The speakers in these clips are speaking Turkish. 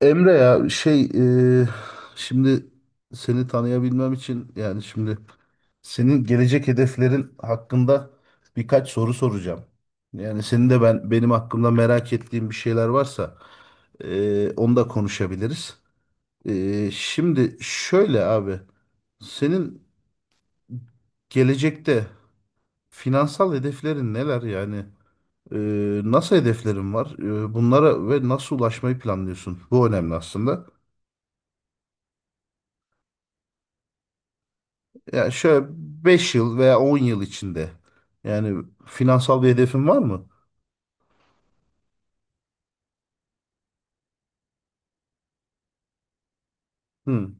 Emre ya şey, e, şimdi seni tanıyabilmem için yani şimdi senin gelecek hedeflerin hakkında birkaç soru soracağım. Yani senin de benim hakkımda merak ettiğim bir şeyler varsa, onu da konuşabiliriz. Şimdi şöyle abi, senin gelecekte finansal hedeflerin neler yani? E, Nasıl hedeflerin var? Bunlara ve nasıl ulaşmayı planlıyorsun? Bu önemli aslında. Yani şöyle, 5 yıl veya 10 yıl içinde yani finansal bir hedefin var mı? Hı.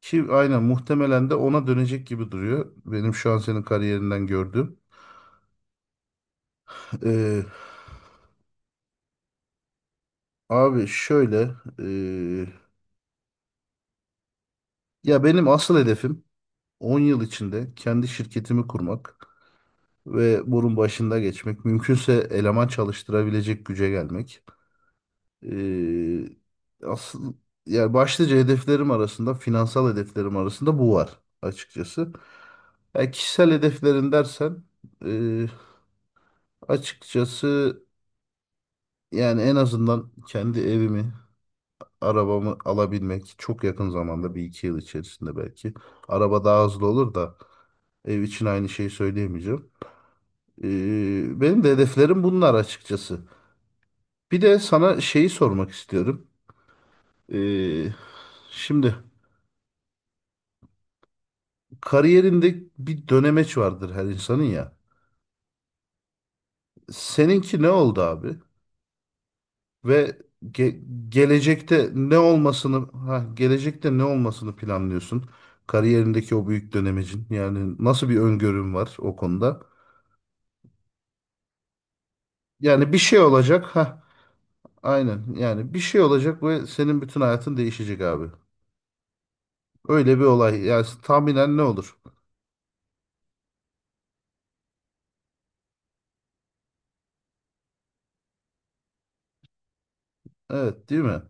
Ki aynen, muhtemelen de ona dönecek gibi duruyor. Benim şu an senin kariyerinden gördüğüm. Ee, Abi şöyle, ee, ya benim asıl hedefim 10 yıl içinde kendi şirketimi kurmak ve bunun başında geçmek. Mümkünse eleman çalıştırabilecek güce gelmek. Ee, Asıl, yani başlıca hedeflerim arasında, finansal hedeflerim arasında bu var açıkçası. Yani kişisel hedeflerin dersen, e, açıkçası, yani en azından kendi evimi, arabamı alabilmek çok yakın zamanda, bir iki yıl içerisinde belki. Araba daha hızlı olur da, ev için aynı şeyi söyleyemeyeceğim. Benim de hedeflerim bunlar açıkçası. Bir de sana şeyi sormak istiyorum. Ee, Şimdi. Kariyerinde bir dönemeç vardır her insanın ya. Seninki ne oldu abi? Ve gelecekte ne olmasını planlıyorsun? Kariyerindeki o büyük dönemecin. Yani nasıl bir öngörün var o konuda? Yani bir şey olacak. Ha, aynen. Yani bir şey olacak ve senin bütün hayatın değişecek abi. Öyle bir olay. Yani tahminen ne olur? Evet, değil mi?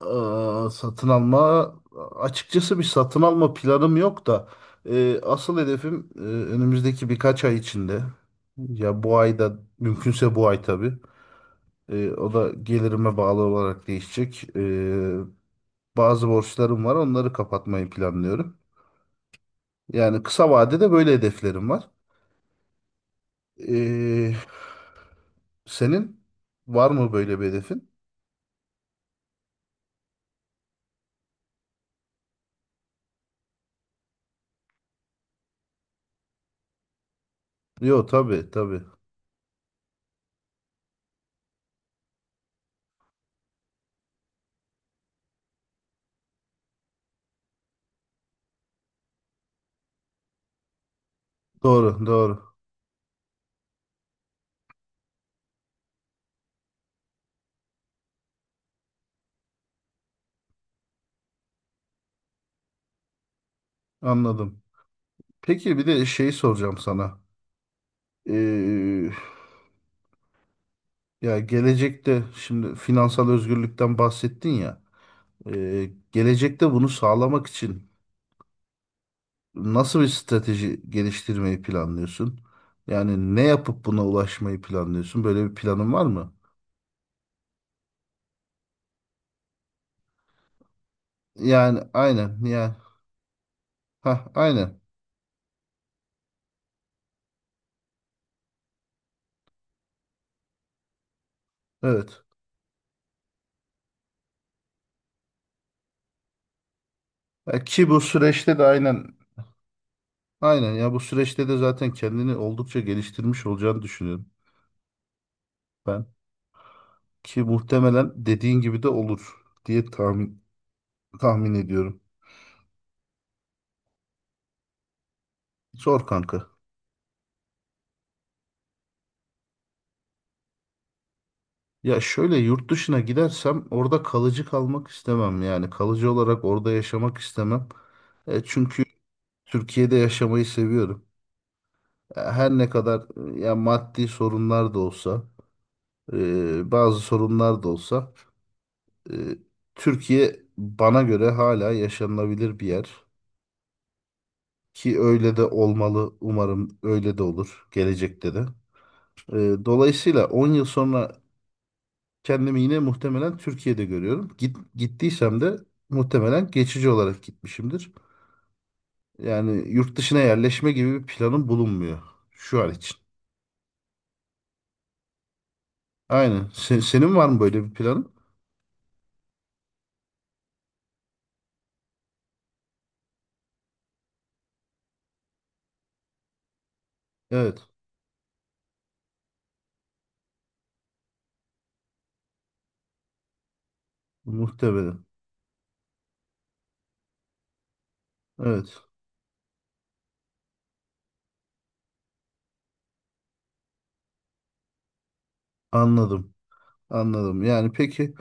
Aa, satın alma, açıkçası bir satın alma planım yok da, asıl hedefim önümüzdeki birkaç ay içinde, ya bu ayda mümkünse, bu ay tabii. O da gelirime bağlı olarak değişecek. Bazı borçlarım var, onları kapatmayı planlıyorum. Yani kısa vadede böyle hedeflerim var. E, Senin var mı böyle bir hedefin? Yok tabii tabii. Doğru doğru. Anladım. Peki, bir de şeyi soracağım sana. E, Ya, gelecekte, şimdi finansal özgürlükten bahsettin ya. Gelecekte bunu sağlamak için nasıl bir strateji geliştirmeyi planlıyorsun? Yani ne yapıp buna ulaşmayı planlıyorsun? Böyle bir planın var mı? Yani aynen yani, ha aynen, evet. Ya ki bu süreçte de aynen, aynen ya, bu süreçte de zaten kendini oldukça geliştirmiş olacağını düşünüyorum ben. Ki muhtemelen dediğin gibi de olur diye tahmin ediyorum. Zor kanka. Ya şöyle, yurt dışına gidersem orada kalıcı kalmak istemem. Yani kalıcı olarak orada yaşamak istemem. Çünkü Türkiye'de yaşamayı seviyorum. Her ne kadar ya maddi sorunlar da olsa, bazı sorunlar da olsa, e, Türkiye bana göre hala yaşanılabilir bir yer. Ki öyle de olmalı. Umarım öyle de olur gelecekte de. Dolayısıyla 10 yıl sonra kendimi yine muhtemelen Türkiye'de görüyorum. Gittiysem de muhtemelen geçici olarak gitmişimdir. Yani yurt dışına yerleşme gibi bir planım bulunmuyor şu an için. Aynen. Senin var mı böyle bir planın? Evet. Muhtemelen. Evet. Anladım. Anladım. Yani peki,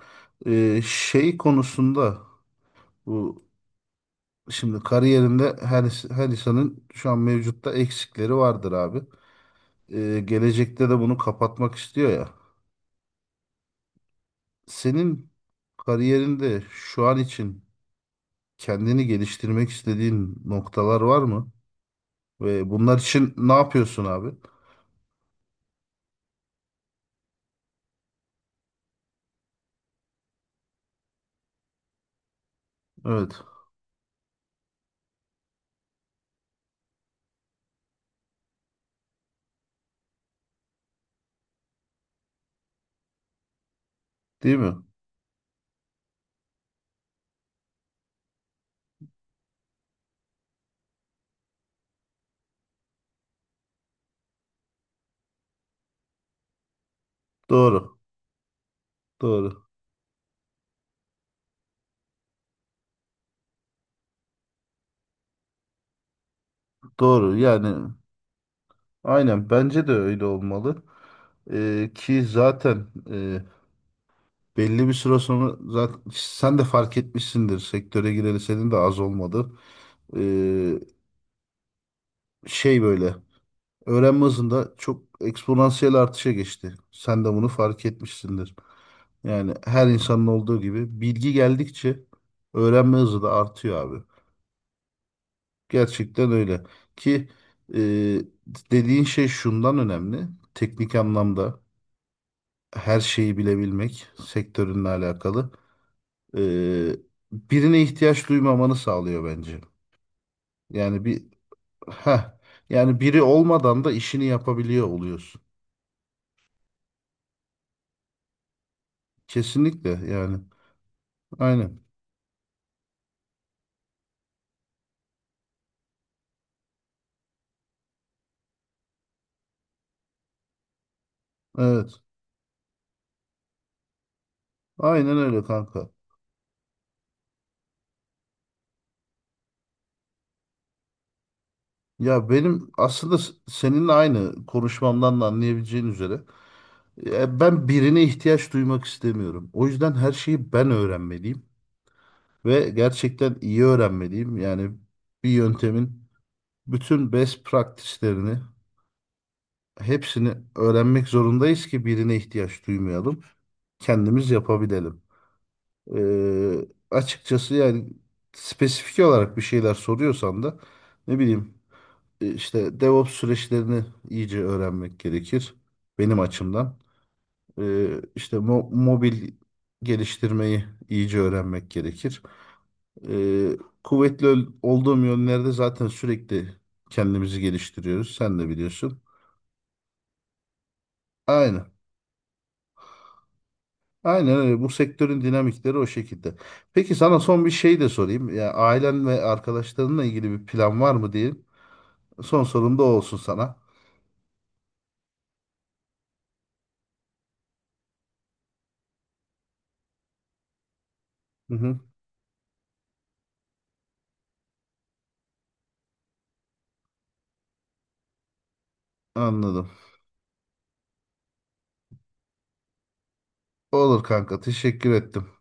şey konusunda, bu, şimdi kariyerinde her insanın şu an mevcutta eksikleri vardır abi. Gelecekte de bunu kapatmak istiyor ya. Senin kariyerinde şu an için kendini geliştirmek istediğin noktalar var mı? Ve bunlar için ne yapıyorsun abi? Evet. Değil mi? Doğru. Doğru. Doğru. Yani aynen, bence de öyle olmalı. Ki zaten, belli bir süre sonra zaten sen de fark etmişsindir. Sektöre gireli senin de az olmadı. Ee, Şey böyle. Öğrenme hızında çok eksponansiyel artışa geçti. Sen de bunu fark etmişsindir. Yani her insanın olduğu gibi, bilgi geldikçe öğrenme hızı da artıyor abi. Gerçekten öyle. Ki e, dediğin şey şundan önemli. Teknik anlamda her şeyi bilebilmek sektörünle alakalı. E, Birine ihtiyaç duymamanı sağlıyor bence. Yani heh, yani biri olmadan da işini yapabiliyor oluyorsun. Kesinlikle yani. Aynen. Evet. Aynen öyle kanka. Ya benim aslında seninle aynı konuşmamdan da anlayabileceğin üzere, ben birine ihtiyaç duymak istemiyorum. O yüzden her şeyi ben öğrenmeliyim ve gerçekten iyi öğrenmeliyim. Yani bir yöntemin bütün best practice'lerini, hepsini öğrenmek zorundayız ki birine ihtiyaç duymayalım. Kendimiz yapabilelim. Ee, Açıkçası, yani spesifik olarak bir şeyler soruyorsan da, ne bileyim, işte DevOps süreçlerini iyice öğrenmek gerekir benim açımdan. E, işte mobil geliştirmeyi iyice öğrenmek gerekir. E, Kuvvetli olduğum yönlerde zaten sürekli kendimizi geliştiriyoruz. Sen de biliyorsun. Aynen. Aynen öyle. Bu sektörün dinamikleri o şekilde. Peki sana son bir şey de sorayım. Ya ailen ve arkadaşlarınla ilgili bir plan var mı diye. Son sorum da o olsun sana. Hı hı. Anladım. Olur kanka. Teşekkür ettim.